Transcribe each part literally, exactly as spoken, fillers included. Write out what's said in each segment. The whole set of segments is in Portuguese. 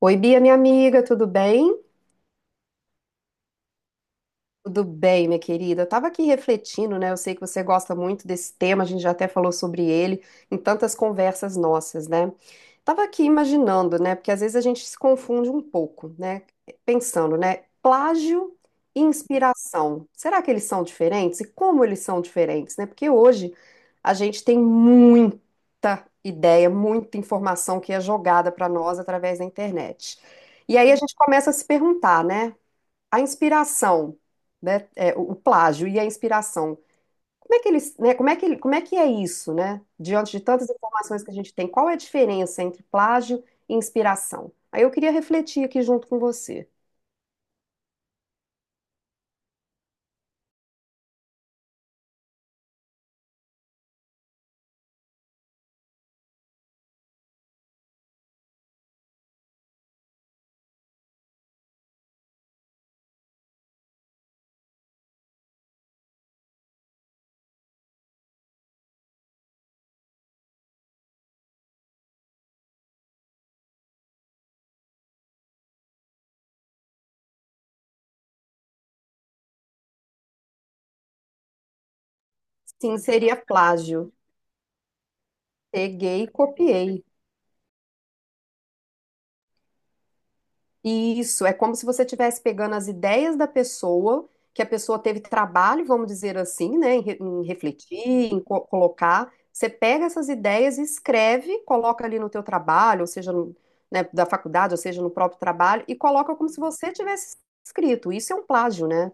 Oi, Bia, minha amiga, tudo bem? Tudo bem, minha querida. Eu tava aqui refletindo, né? Eu sei que você gosta muito desse tema, a gente já até falou sobre ele em tantas conversas nossas, né? Tava aqui imaginando, né? Porque às vezes a gente se confunde um pouco, né? Pensando, né? Plágio e inspiração. Será que eles são diferentes? E como eles são diferentes, né? Porque hoje a gente tem muita ideia, muita informação que é jogada para nós através da internet. E aí a gente começa a se perguntar, né? A inspiração, né, é, o o plágio e a inspiração. Como é que eles, né, como é que, ele- como é que é isso, né? Diante de tantas informações que a gente tem, qual é a diferença entre plágio e inspiração? Aí eu queria refletir aqui junto com você. Sim, seria plágio. Peguei e copiei. Isso, é como se você estivesse pegando as ideias da pessoa, que a pessoa teve trabalho, vamos dizer assim, né, em, re- em refletir, em co- colocar. Você pega essas ideias e escreve, coloca ali no teu trabalho, ou seja, no- né, da faculdade, ou seja, no próprio trabalho, e coloca como se você tivesse escrito. Isso é um plágio, né?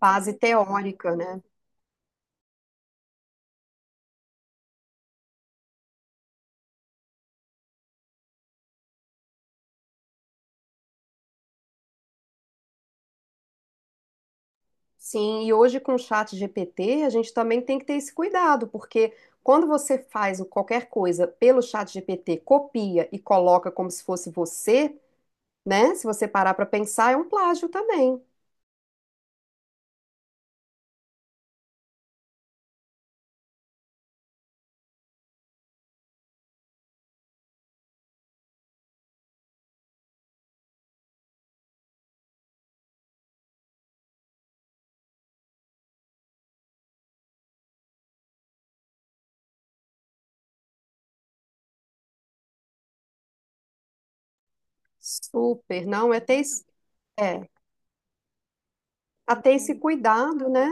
Base teórica, né? Sim, e hoje com o chat G P T, a gente também tem que ter esse cuidado, porque quando você faz qualquer coisa pelo chat G P T, copia e coloca como se fosse você, né? Se você parar para pensar, é um plágio também. Super, não, é ter, esse- é, a ter esse cuidado, né?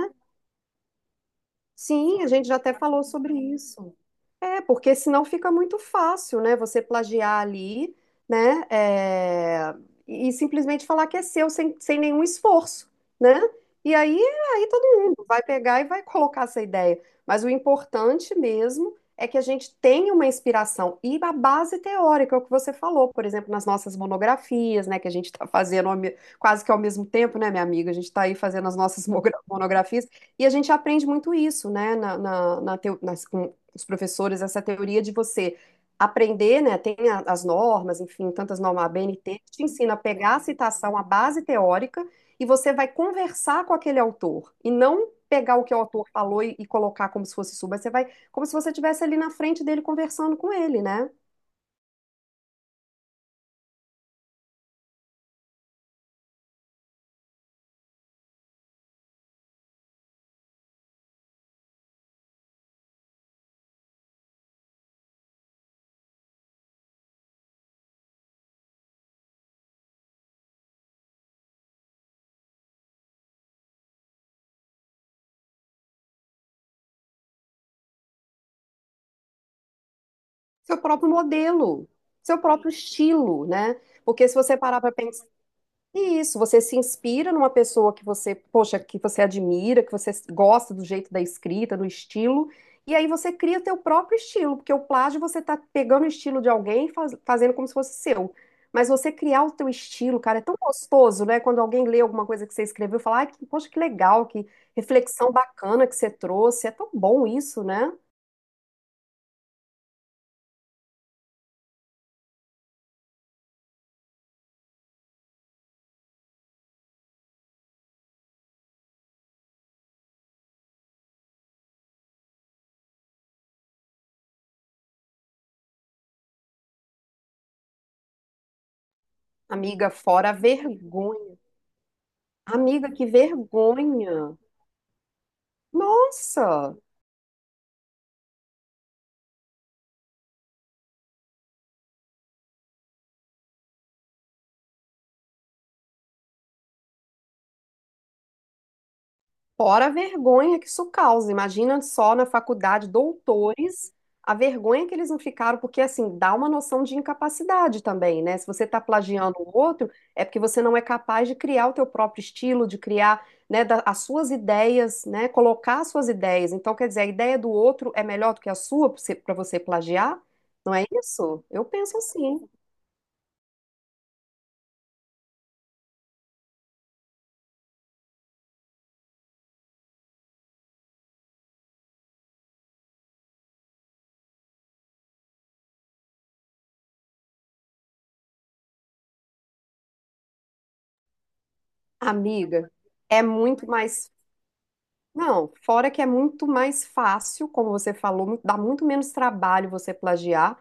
Sim, a gente já até falou sobre isso. É, porque senão fica muito fácil, né? Você plagiar ali, né? é, e simplesmente falar que é seu sem, sem nenhum esforço, né? E aí, aí todo mundo vai pegar e vai colocar essa ideia. Mas o importante mesmo é que a gente tenha uma inspiração e a base teórica, é o que você falou, por exemplo, nas nossas monografias, né? Que a gente está fazendo ao me- quase que ao mesmo tempo, né, minha amiga? A gente está aí fazendo as nossas mogra- monografias. E a gente aprende muito isso, né, na, na, na teo- nas- com os professores, essa teoria de você aprender, né, tem a- as normas, enfim, tantas normas, a ABNT, que te ensina a pegar a citação, a base teórica, e você vai conversar com aquele autor, e não pegar o que o autor falou e, e colocar como se fosse sua, mas você vai, como se você estivesse ali na frente dele conversando com ele, né? Seu próprio modelo, seu próprio estilo, né? Porque se você parar para isso, você se inspira numa pessoa que você, poxa, que você admira, que você gosta do jeito da escrita, do estilo, e aí você cria teu próprio estilo, porque o plágio você tá pegando o estilo de alguém e faz- fazendo como se fosse seu. Mas você criar o teu estilo, cara, é tão gostoso, né? Quando alguém lê alguma coisa que você escreveu, e fala, ai, que- poxa, que legal, que reflexão bacana que você trouxe. É tão bom isso, né? Amiga, fora a vergonha. Amiga, que vergonha. Nossa! Fora a vergonha que isso causa. Imagina só na faculdade, doutores, a vergonha que eles não ficaram, porque assim, dá uma noção de incapacidade também, né? Se você está plagiando o outro, é porque você não é capaz de criar o teu próprio estilo, de criar, né, da- as suas ideias, né? Colocar as suas ideias. Então, quer dizer, a ideia do outro é melhor do que a sua para você pra você plagiar? Não é isso? Eu penso assim, amiga. É muito mais não, fora que é muito mais fácil, como você falou, mu- dá muito menos trabalho você plagiar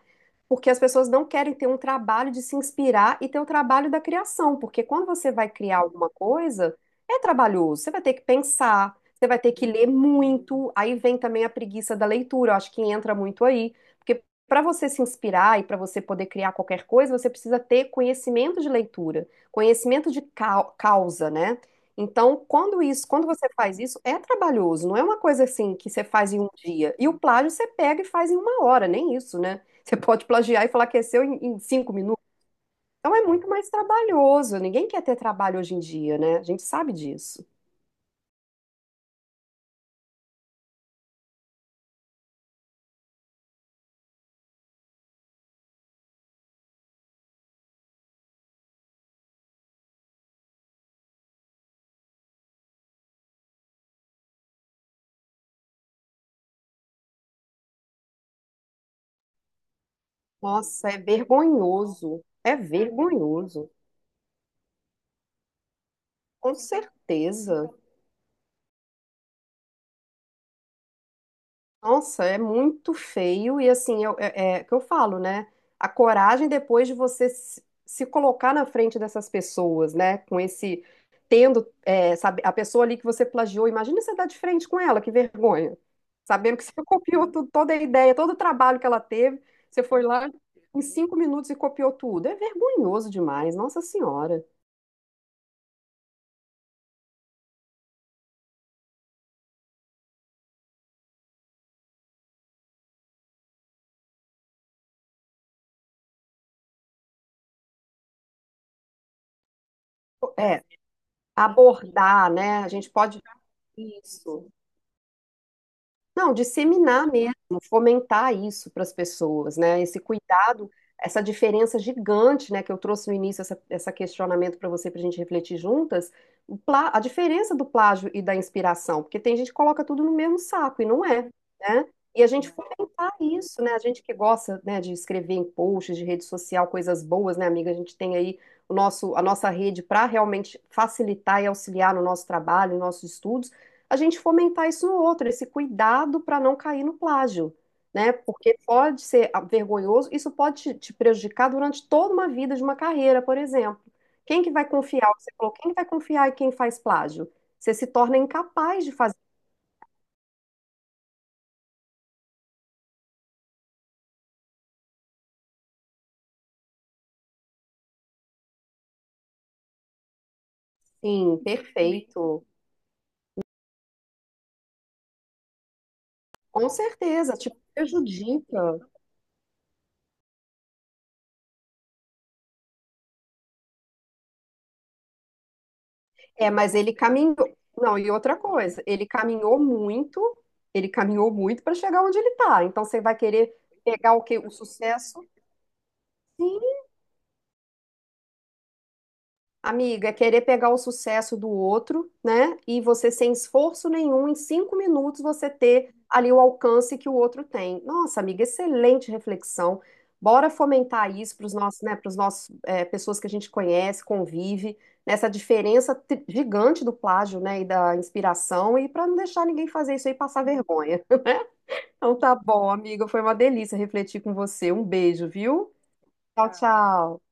porque as pessoas não querem ter um trabalho de se inspirar e ter o trabalho da criação, porque quando você vai criar alguma coisa, é trabalhoso, você vai ter que pensar, você vai ter que ler muito, aí vem também a preguiça da leitura, eu acho que entra muito aí, porque para você se inspirar e para você poder criar qualquer coisa, você precisa ter conhecimento de leitura, conhecimento de cau- causa, né? Então, quando isso, quando você faz isso, é trabalhoso, não é uma coisa assim que você faz em um dia. E o plágio você pega e faz em uma hora, nem isso, né? Você pode plagiar e falar que é seu em, em cinco minutos. Então é muito mais trabalhoso. Ninguém quer ter trabalho hoje em dia, né? A gente sabe disso. Nossa, é vergonhoso. É vergonhoso. Com certeza. Nossa, é muito feio e assim, eu- é, é é o que eu falo, né? A coragem depois de você se, se colocar na frente dessas pessoas, né? Com esse, tendo, é, sabe, a pessoa ali que você plagiou, imagina você dar de frente com ela, que vergonha. Sabendo que você copiou tudo, toda a ideia, todo o trabalho que ela teve, você foi lá em cinco minutos e copiou tudo. É vergonhoso demais, Nossa Senhora. É, abordar, né? A gente pode. Isso. Não, disseminar mesmo, fomentar isso para as pessoas, né? Esse cuidado, essa diferença gigante, né, que eu trouxe no início, essa, essa questionamento para você, para a gente refletir juntas, o plá- a diferença do plágio e da inspiração, porque tem gente que coloca tudo no mesmo saco e não é, né? E a gente fomentar isso, né? A gente que gosta, né, de escrever em posts, de rede social, coisas boas, né, amiga? A gente tem aí o nosso, a nossa rede para realmente facilitar e auxiliar no nosso trabalho, nos nossos estudos a gente fomentar isso no outro, esse cuidado para não cair no plágio, né? Porque pode ser ah, vergonhoso, isso pode te, te prejudicar durante toda uma vida de uma carreira, por exemplo. Quem que vai confiar? Você falou, quem que vai confiar em quem faz plágio? Você se torna incapaz de fazer. Sim, perfeito. Com certeza, te prejudica. É, mas ele caminhou. Não, e outra coisa, ele caminhou muito, ele caminhou muito para chegar onde ele está. Então você vai querer pegar o quê? O sucesso? Sim, amiga, é querer pegar o sucesso do outro, né? E você, sem esforço nenhum, em cinco minutos, você ter ali o alcance que o outro tem. Nossa, amiga, excelente reflexão. Bora fomentar isso para os nossos, né, para os nossos, é, pessoas que a gente conhece, convive, nessa diferença tri- gigante do plágio, né, e da inspiração, e para não deixar ninguém fazer isso aí e passar vergonha, né? Então tá bom, amiga, foi uma delícia refletir com você. Um beijo, viu? Tchau, tchau.